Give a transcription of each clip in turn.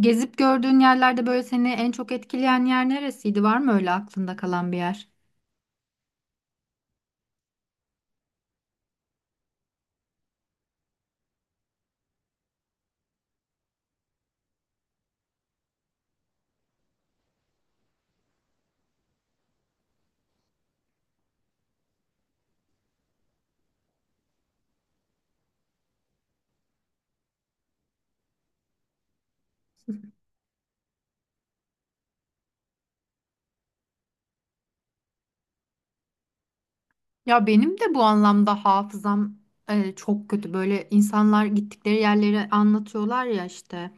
Gezip gördüğün yerlerde böyle seni en çok etkileyen yer neresiydi? Var mı öyle aklında kalan bir yer? Ya benim de bu anlamda hafızam çok kötü. Böyle insanlar gittikleri yerleri anlatıyorlar ya işte.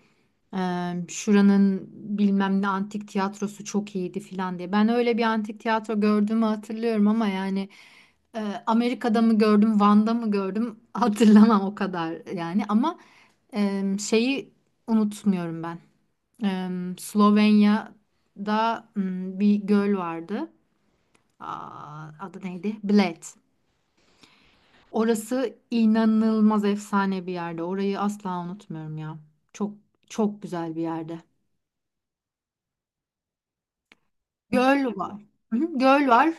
Şuranın bilmem ne antik tiyatrosu çok iyiydi filan diye. Ben öyle bir antik tiyatro gördüğümü hatırlıyorum ama yani Amerika'da mı gördüm, Van'da mı gördüm hatırlamam o kadar yani ama şeyi unutmuyorum ben. Slovenya'da bir göl vardı. Aa, adı neydi? Bled. Orası inanılmaz efsane bir yerde. Orayı asla unutmuyorum ya. Çok çok güzel bir yerde. Göl var. Hı hı, göl var.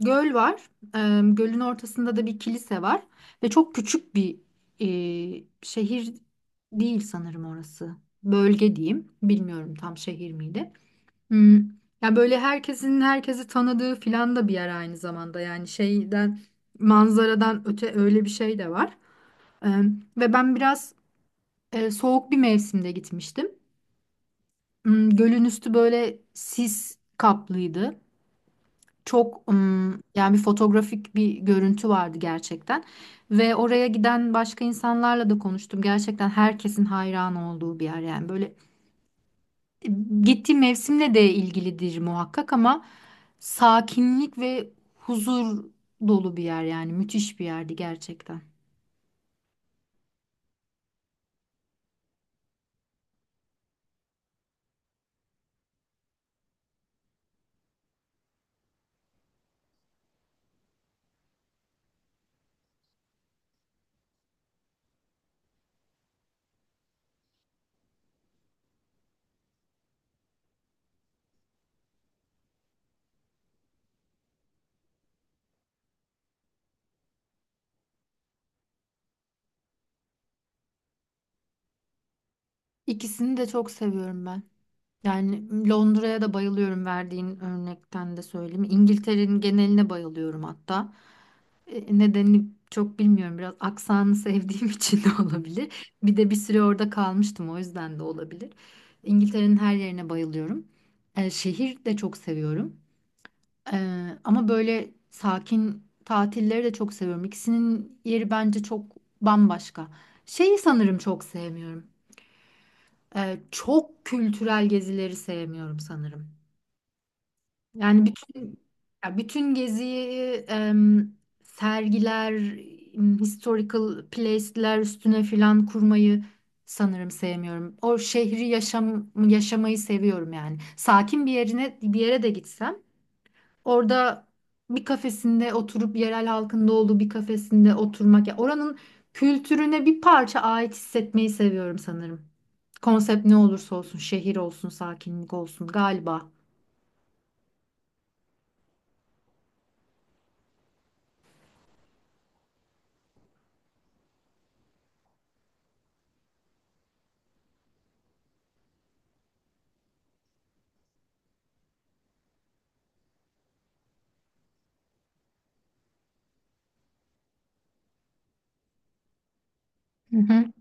Göl var. Gölün ortasında da bir kilise var ve çok küçük bir şehir değil sanırım orası. Bölge diyeyim. Bilmiyorum tam şehir miydi. Hmm. Ya böyle herkesin herkesi tanıdığı filan da bir yer aynı zamanda yani şeyden manzaradan öte öyle bir şey de var. Ee, Ve ben biraz soğuk bir mevsimde gitmiştim. Gölün üstü böyle sis kaplıydı. Çok yani bir fotoğrafik bir görüntü vardı gerçekten. Ve oraya giden başka insanlarla da konuştum. Gerçekten herkesin hayran olduğu bir yer yani böyle gittiği mevsimle de ilgilidir muhakkak ama sakinlik ve huzur dolu bir yer yani müthiş bir yerdi gerçekten. İkisini de çok seviyorum ben. Yani Londra'ya da bayılıyorum, verdiğin örnekten de söyleyeyim. İngiltere'nin geneline bayılıyorum hatta. Nedenini çok bilmiyorum. Biraz aksanı sevdiğim için de olabilir. Bir de bir süre orada kalmıştım, o yüzden de olabilir. İngiltere'nin her yerine bayılıyorum. Şehir de çok seviyorum. Ama böyle sakin tatilleri de çok seviyorum. İkisinin yeri bence çok bambaşka. Şeyi sanırım çok sevmiyorum. Çok kültürel gezileri sevmiyorum sanırım. Yani bütün geziyi em, sergiler, historical place'ler üstüne filan kurmayı sanırım sevmiyorum. O şehri yaşamayı seviyorum yani. Sakin bir yere de gitsem orada bir kafesinde oturup, yerel halkında olduğu bir kafesinde oturmak ya oranın kültürüne bir parça ait hissetmeyi seviyorum sanırım. Konsept ne olursa olsun, şehir olsun, sakinlik olsun galiba. Hı hı.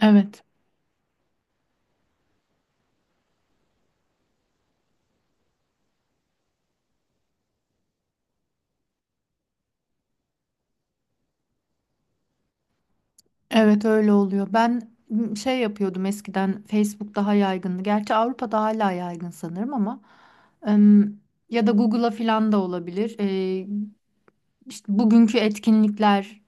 Evet. Evet, öyle oluyor. Ben şey yapıyordum eskiden, Facebook daha yaygındı. Gerçi Avrupa'da hala yaygın sanırım ama em, ya da Google'a filan da olabilir. İşte bugünkü etkinlikler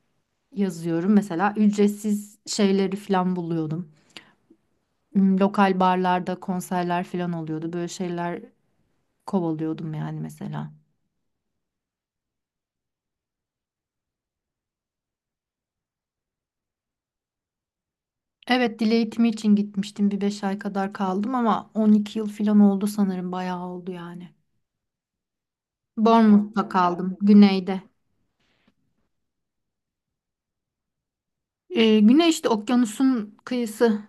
yazıyorum. Mesela ücretsiz şeyleri falan buluyordum. Lokal barlarda konserler falan oluyordu. Böyle şeyler kovalıyordum yani mesela. Evet, dil eğitimi için gitmiştim. Bir beş ay kadar kaldım ama 12 yıl falan oldu sanırım. Bayağı oldu yani. Bournemouth'ta kaldım. Güneyde. Güney işte, okyanusun kıyısı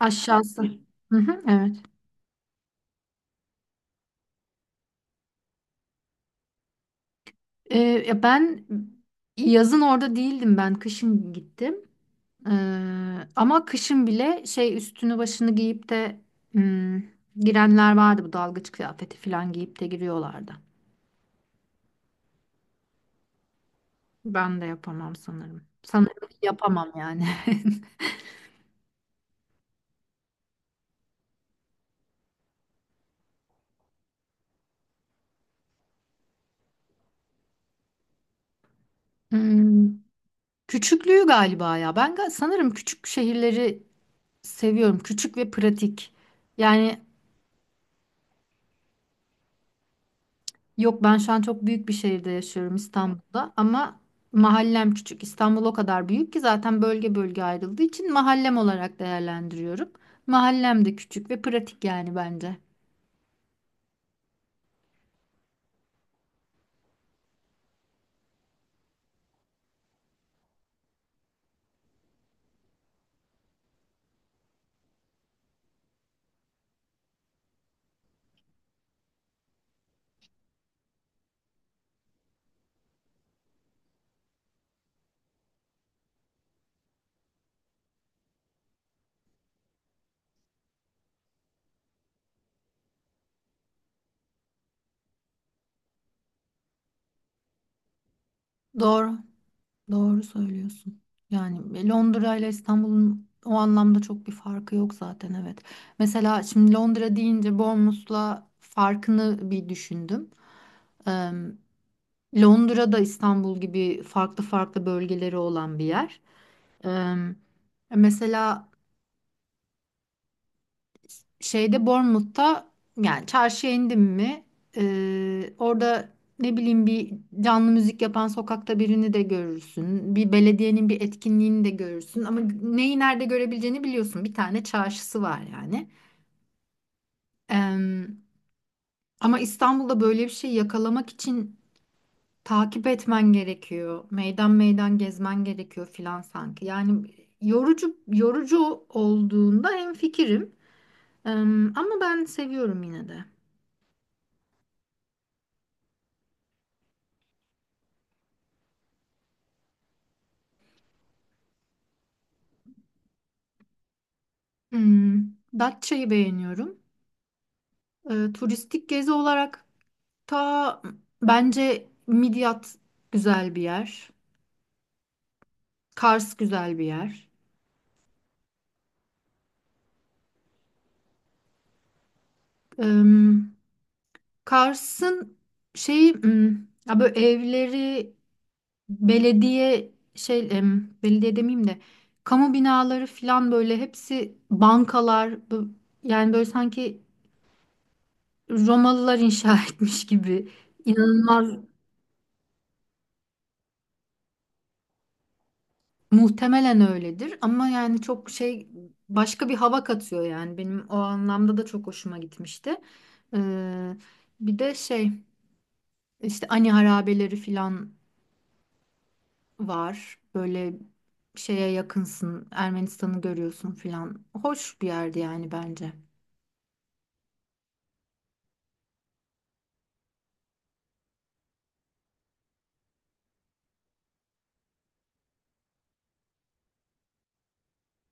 aşağısı. Hı hı, evet. Ya ben yazın orada değildim ben. Kışın gittim. Ama kışın bile şey, üstünü başını giyip de hmm, girenler vardı, bu dalgıç kıyafeti falan giyip de giriyorlardı. Ben de yapamam sanırım. Sanırım yapamam yani. Hmm, Küçüklüğü galiba ya. Ben sanırım küçük şehirleri seviyorum. Küçük ve pratik. Yani, yok, ben şu an çok büyük bir şehirde yaşıyorum, İstanbul'da, ama mahallem küçük. İstanbul o kadar büyük ki zaten, bölge bölge ayrıldığı için mahallem olarak değerlendiriyorum. Mahallem de küçük ve pratik yani bence. Doğru, doğru söylüyorsun. Yani Londra ile İstanbul'un o anlamda çok bir farkı yok zaten, evet. Mesela şimdi Londra deyince Bournemouth'la farkını bir düşündüm. Em, Londra da İstanbul gibi farklı farklı bölgeleri olan bir yer. Ee, Mesela şeyde, Bournemouth'ta, yani çarşıya indim mi orada ne bileyim, bir canlı müzik yapan sokakta birini de görürsün. Bir belediyenin bir etkinliğini de görürsün. Ama neyi nerede görebileceğini biliyorsun. Bir tane çarşısı var yani. Ee, Ama İstanbul'da böyle bir şey yakalamak için takip etmen gerekiyor. Meydan meydan gezmen gerekiyor filan sanki. Yani yorucu yorucu olduğunda hemfikirim. Ama ben seviyorum yine de. Hmm, Datça'yı beğeniyorum. Turistik gezi olarak ta bence Midyat güzel bir yer. Kars güzel bir yer. Em, Kars'ın şeyi ya böyle evleri, belediye şey, belediye demeyeyim de, kamu binaları falan, böyle hepsi bankalar yani böyle sanki Romalılar inşa etmiş gibi. İnanılmaz. Muhtemelen öyledir ama yani çok şey, başka bir hava katıyor yani, benim o anlamda da çok hoşuma gitmişti. Ee, Bir de şey, işte Ani harabeleri filan var, böyle şeye yakınsın, Ermenistan'ı görüyorsun filan, hoş bir yerdi yani bence.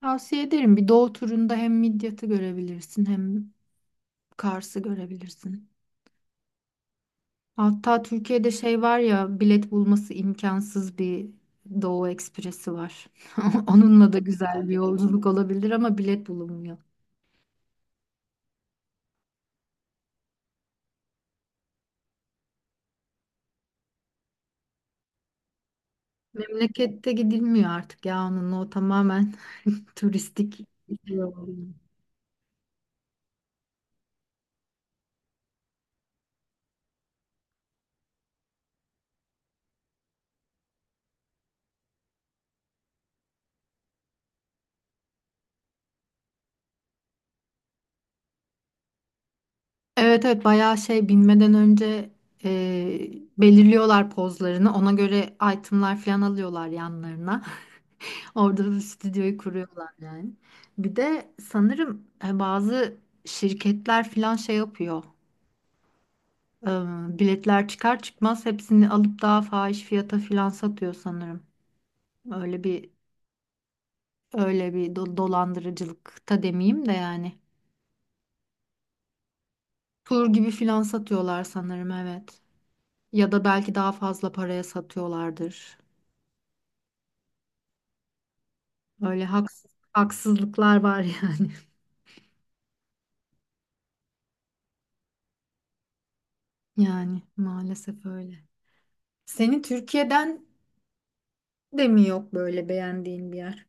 Tavsiye ederim, bir doğu turunda hem Midyat'ı görebilirsin hem Kars'ı görebilirsin. Hatta Türkiye'de şey var ya, bilet bulması imkansız bir Doğu Ekspresi var. Onunla da güzel bir yolculuk olabilir ama bilet bulunmuyor. Memlekette gidilmiyor artık ya onunla, o tamamen turistik bir şey oluyor. Evet evet, bayağı şey, binmeden önce e, belirliyorlar pozlarını. Ona göre itemlar falan alıyorlar yanlarına. Orada da stüdyoyu kuruyorlar yani. Bir de sanırım bazı şirketler falan şey yapıyor. Biletler çıkar çıkmaz hepsini alıp daha fahiş fiyata filan satıyor sanırım. Öyle bir öyle bir dolandırıcılıkta demeyeyim de yani. Tur gibi filan satıyorlar sanırım, evet. Ya da belki daha fazla paraya satıyorlardır. Öyle haksızlıklar var yani. Yani maalesef öyle. Seni Türkiye'den de mi yok böyle beğendiğin bir yer?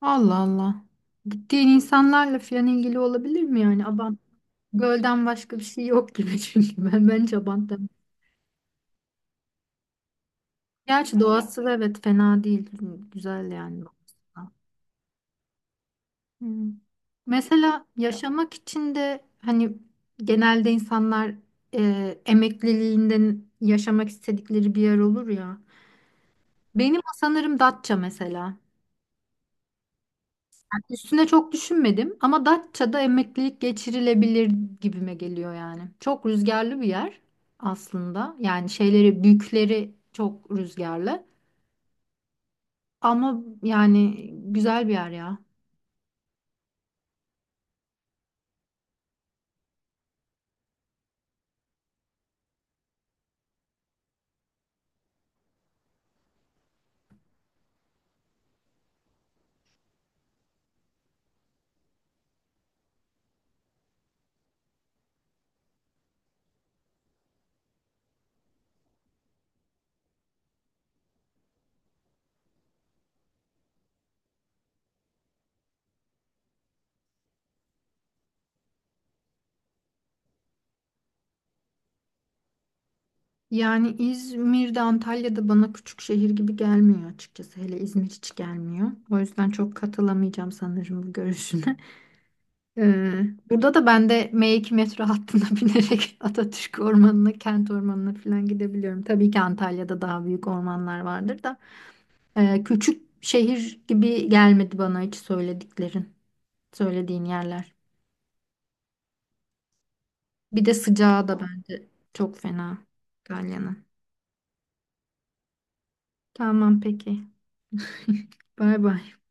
Allah Allah. Gittiğin insanlarla filan ilgili olabilir mi yani? Gölden başka bir şey yok gibi çünkü ben Abant'tan. Gerçi doğası da, evet, fena değil. Güzel yani. Hmm. Mesela yaşamak için de hani, genelde insanlar emekliliğinden yaşamak istedikleri bir yer olur ya. Benim sanırım Datça mesela. Üstüne çok düşünmedim ama Datça'da emeklilik geçirilebilir gibime geliyor yani. Çok rüzgarlı bir yer aslında. Yani şeyleri, büyükleri çok rüzgarlı. Ama yani güzel bir yer ya. Yani İzmir'de, Antalya'da bana küçük şehir gibi gelmiyor açıkçası. Hele İzmir hiç gelmiyor. O yüzden çok katılamayacağım sanırım bu görüşüne. Ee, Burada da ben de M2 metro hattına binerek Atatürk Ormanı'na, Kent Ormanı'na falan gidebiliyorum. Tabii ki Antalya'da daha büyük ormanlar vardır da. Küçük şehir gibi gelmedi bana hiç söylediğin yerler. Bir de sıcağı da bence çok fena Antalya'nın. Tamam peki. Bay bay.